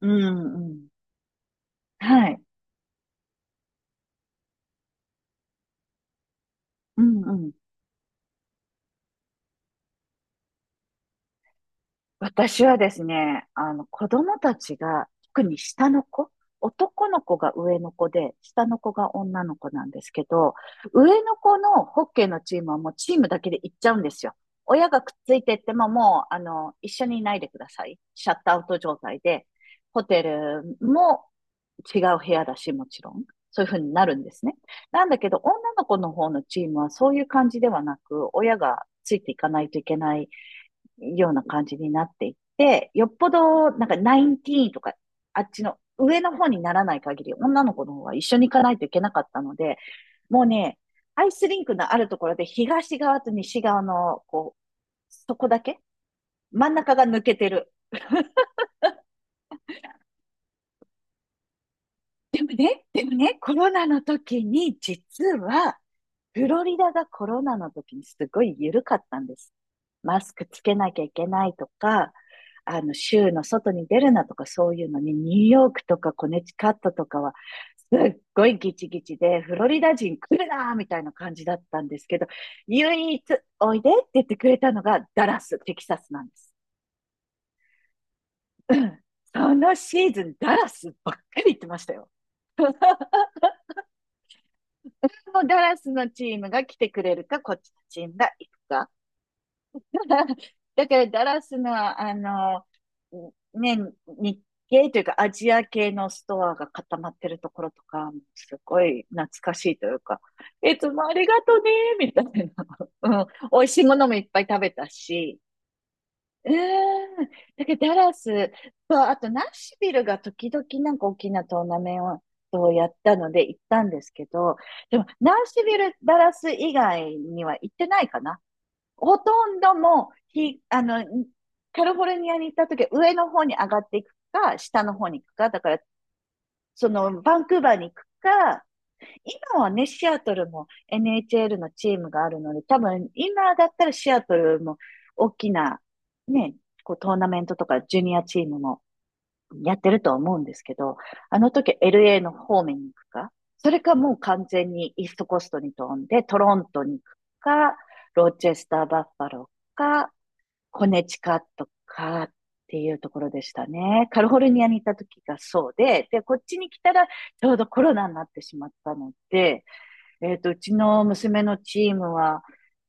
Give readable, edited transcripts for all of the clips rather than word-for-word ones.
うんうん。はい。うんうん。私はですね、子供たちが、特に下の子、男の子が上の子で、下の子が女の子なんですけど、上の子のホッケーのチームはもうチームだけで行っちゃうんですよ。親がくっついてってももう、一緒にいないでください。シャットアウト状態で、ホテルも違う部屋だし、もちろん。そういうふうになるんですね。なんだけど、女の子の方のチームはそういう感じではなく、親がついていかないといけないような感じになっていって、よっぽど、ナインティーンとか、あっちの上の方にならない限り、女の子の方は一緒に行かないといけなかったので、もうね、アイスリンクのあるところで東側と西側の、そこだけ真ん中が抜けてる。ね、でもね、コロナの時に、実は、フロリダがコロナの時にすごい緩かったんです。マスクつけなきゃいけないとか、州の外に出るなとかそういうのに、ニューヨークとかコネチカットとかは、すっごいギチギチで、フロリダ人来るなーみたいな感じだったんですけど、唯一おいでって言ってくれたのがダラス、テキサスなんです。うん。そのシーズン、ダラスばっかり行ってましたよ。ダラスのチームが来てくれるか、こっちのチームが行くか。だからダラスの、あの、ね、日系というかアジア系のストアが固まってるところとか、すごい懐かしいというか、いつもありがとね、みたいな。うん。美味しいものもいっぱい食べたし、うーん。だけど、ダラスと、あと、ナッシュビルが時々なんか大きなトーナメントをやったので行ったんですけど、でも、ナッシュビル、ダラス以外には行ってないかな。ほとんどもう、ひ、あの、カリフォルニアに行った時は上の方に上がっていくか、下の方に行くか、だから、バンクーバーに行くか、今はね、シアトルも NHL のチームがあるので、多分今だったらシアトルも大きなね、こうトーナメントとかジュニアチームもやってると思うんですけど、あの時 LA の方面に行くか、それかもう完全にイーストコーストに飛んでトロントに行くか、ロチェスターバッファローか、コネチカットかっていうところでしたね。カリフォルニアにいた時がそうで、で、こっちに来たらちょうどコロナになってしまったので、うちの娘のチームは、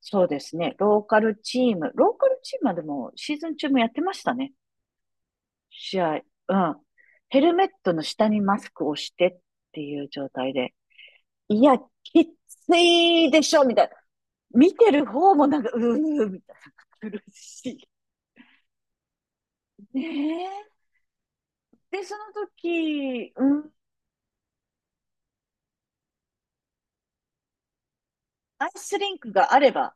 そうですね、ローカルチームはでもシーズン中もやってましたね、試合。うん。ヘルメットの下にマスクをしてっていう状態で、いや、きついでしょ、みたいな。見てる方もなんか、うー、みたいな。苦しい。ねえ。で、その時、うん、アイスリンクがあれば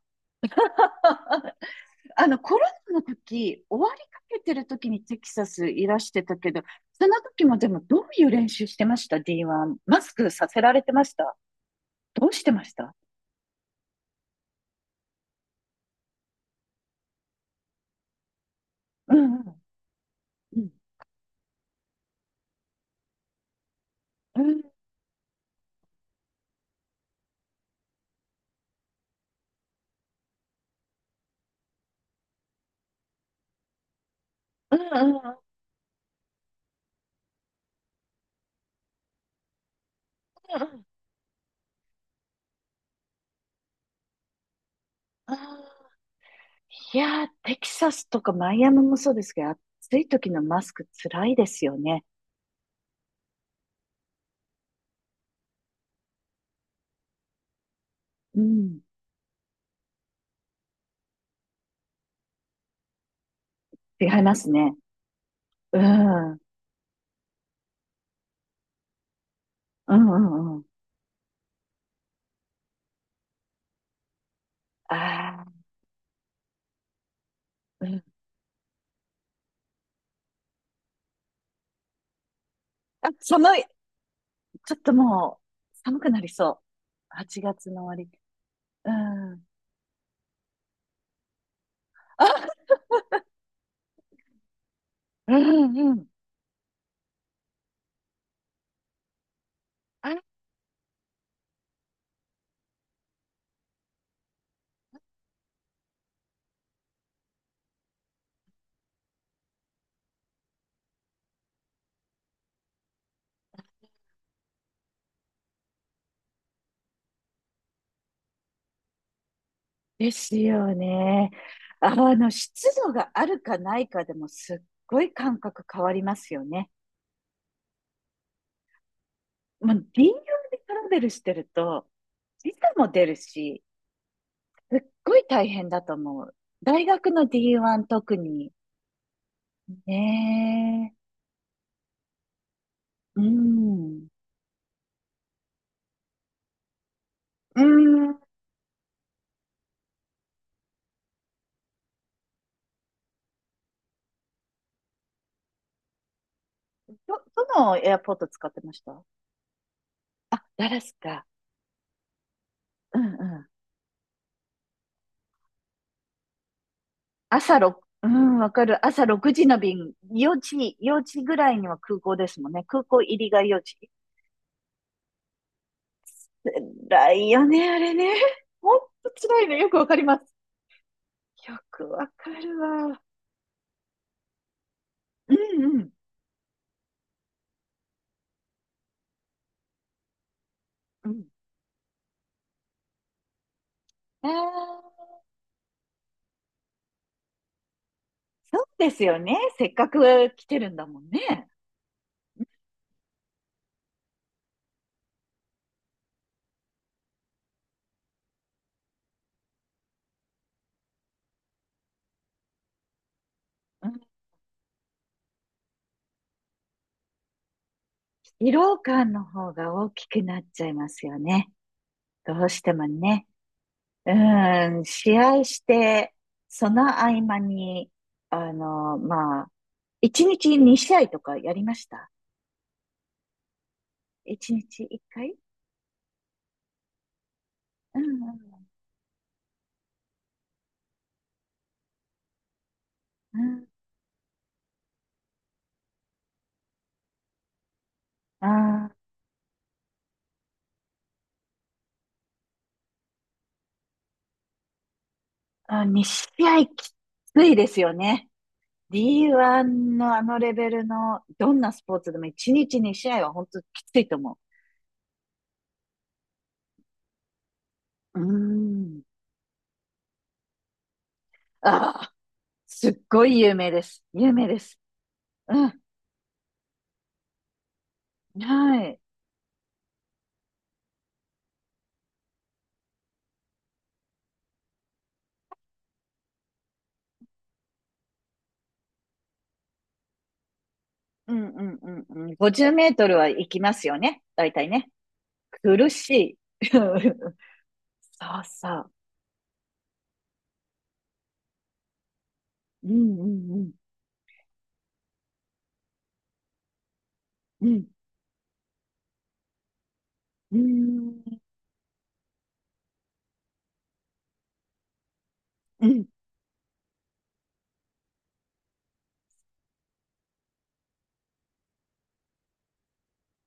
コロナの時、終わりかけてる時にテキサスいらしてたけど、その時もでもどういう練習してました？ D1。マスクさせられてましたどうしてましたうんうん。うん。うん。うん。うん。うんうん。あー、いやー、テキサスとかマイアミもそうですけど、暑い時のマスクつらいですよね。うん。違いますね。うん。うんうんうん。ああ、うん。あ、寒い。ちょっともう、寒くなりそう。8月の終わり。うん。あ、うんうん。あ、ですよね。湿度があるかないかでもすっごい感覚変わりますよね。もう林業でトラベルしてると、時差も出るし、すっごい大変だと思う。大学の D1 特に。ねえ。うん。うん。ど、どのエアポート使ってました？あ、ダラスか。うんうん。朝6、うん、わかる。朝6時の便、4時ぐらいには空港ですもんね。空港入りが4時。辛いよね、あれね。ほんと辛いねよくわかります。よくわかるわ。うんうん。うん。ああ、そうですよね。せっかく来てるんだもんね。うん、疲労感の方が大きくなっちゃいますよね。どうしてもね。うん、試合して、その合間に、まあ、一日2試合とかやりました？一日1回うんうんうん。あーあ、2試合きついですよね。D1 のあのレベルのどんなスポーツでも一日2試合は本当きついと思う。うーん。ああ、すっごい有名です。有名です。うん。はい。うんうんうんうん。50メートルは行きますよね。大体ね。苦しい。そうそう。うんうんうん。うん。うん。うん。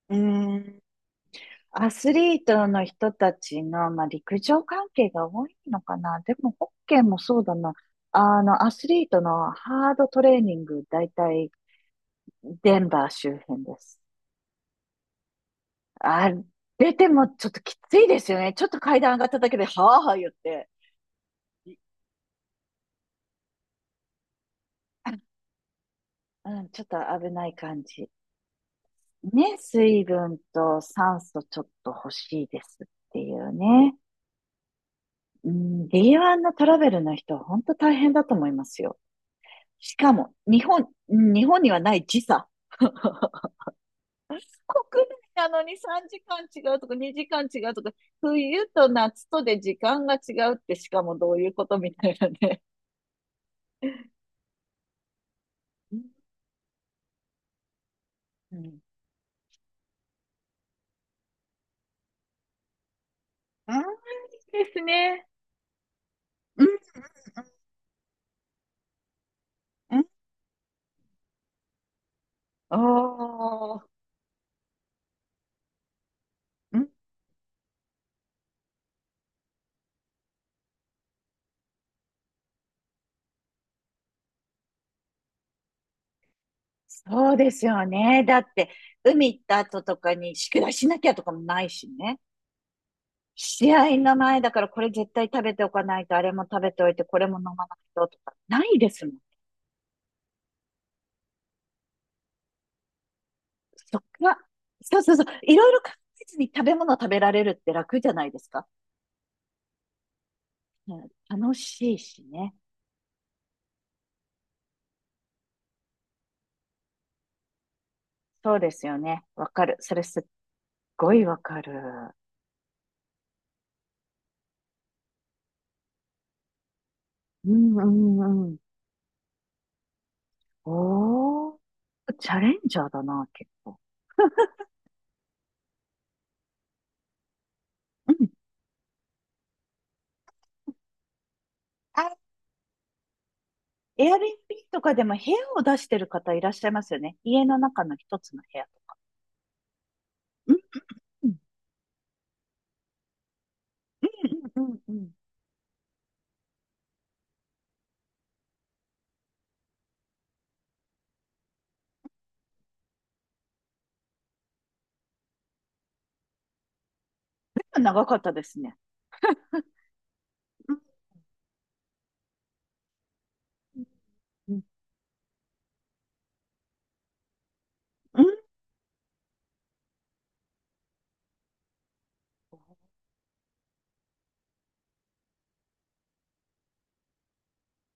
うん。アスリートの人たちの、まあ、陸上関係が多いのかな。でも、ホッケーもそうだな。アスリートのハードトレーニング、だいたいデンバー周辺です。あ、出てもちょっときついですよね。ちょっと階段上がっただけで、はあはあ言って、いうん、ちょっと危ない感じ。ね、水分と酸素ちょっと欲しいですっていうね。うん、D1 のトラベルの人は本当大変だと思いますよ。しかも、日本、うん、日本にはない時差。国内なのに3時間違うとか2時間違うとか、冬と夏とで時間が違うってしかもどういうことみたいなね。うん。うん、ですね。うん。おー。そうですよね。だって、海行った後とかに宿題しなきゃとかもないしね。試合の前だからこれ絶対食べておかないと、あれも食べておいて、これも飲まないととか、ないですもん。そっか。そうそうそう。いろいろ考えずに食べ物食べられるって楽じゃないですか。うん、楽しいしね。そうですよね。わかる。それすっごいわかる。うんうんうん。おー、チャレンジャーだな、結構。うん。エアビービーとかでも部屋を出してる方いらっしゃいますよね。家の中の一つの部屋と。うん、うん、うん、うん、うん。長かったですね。うん、うん、うん。うん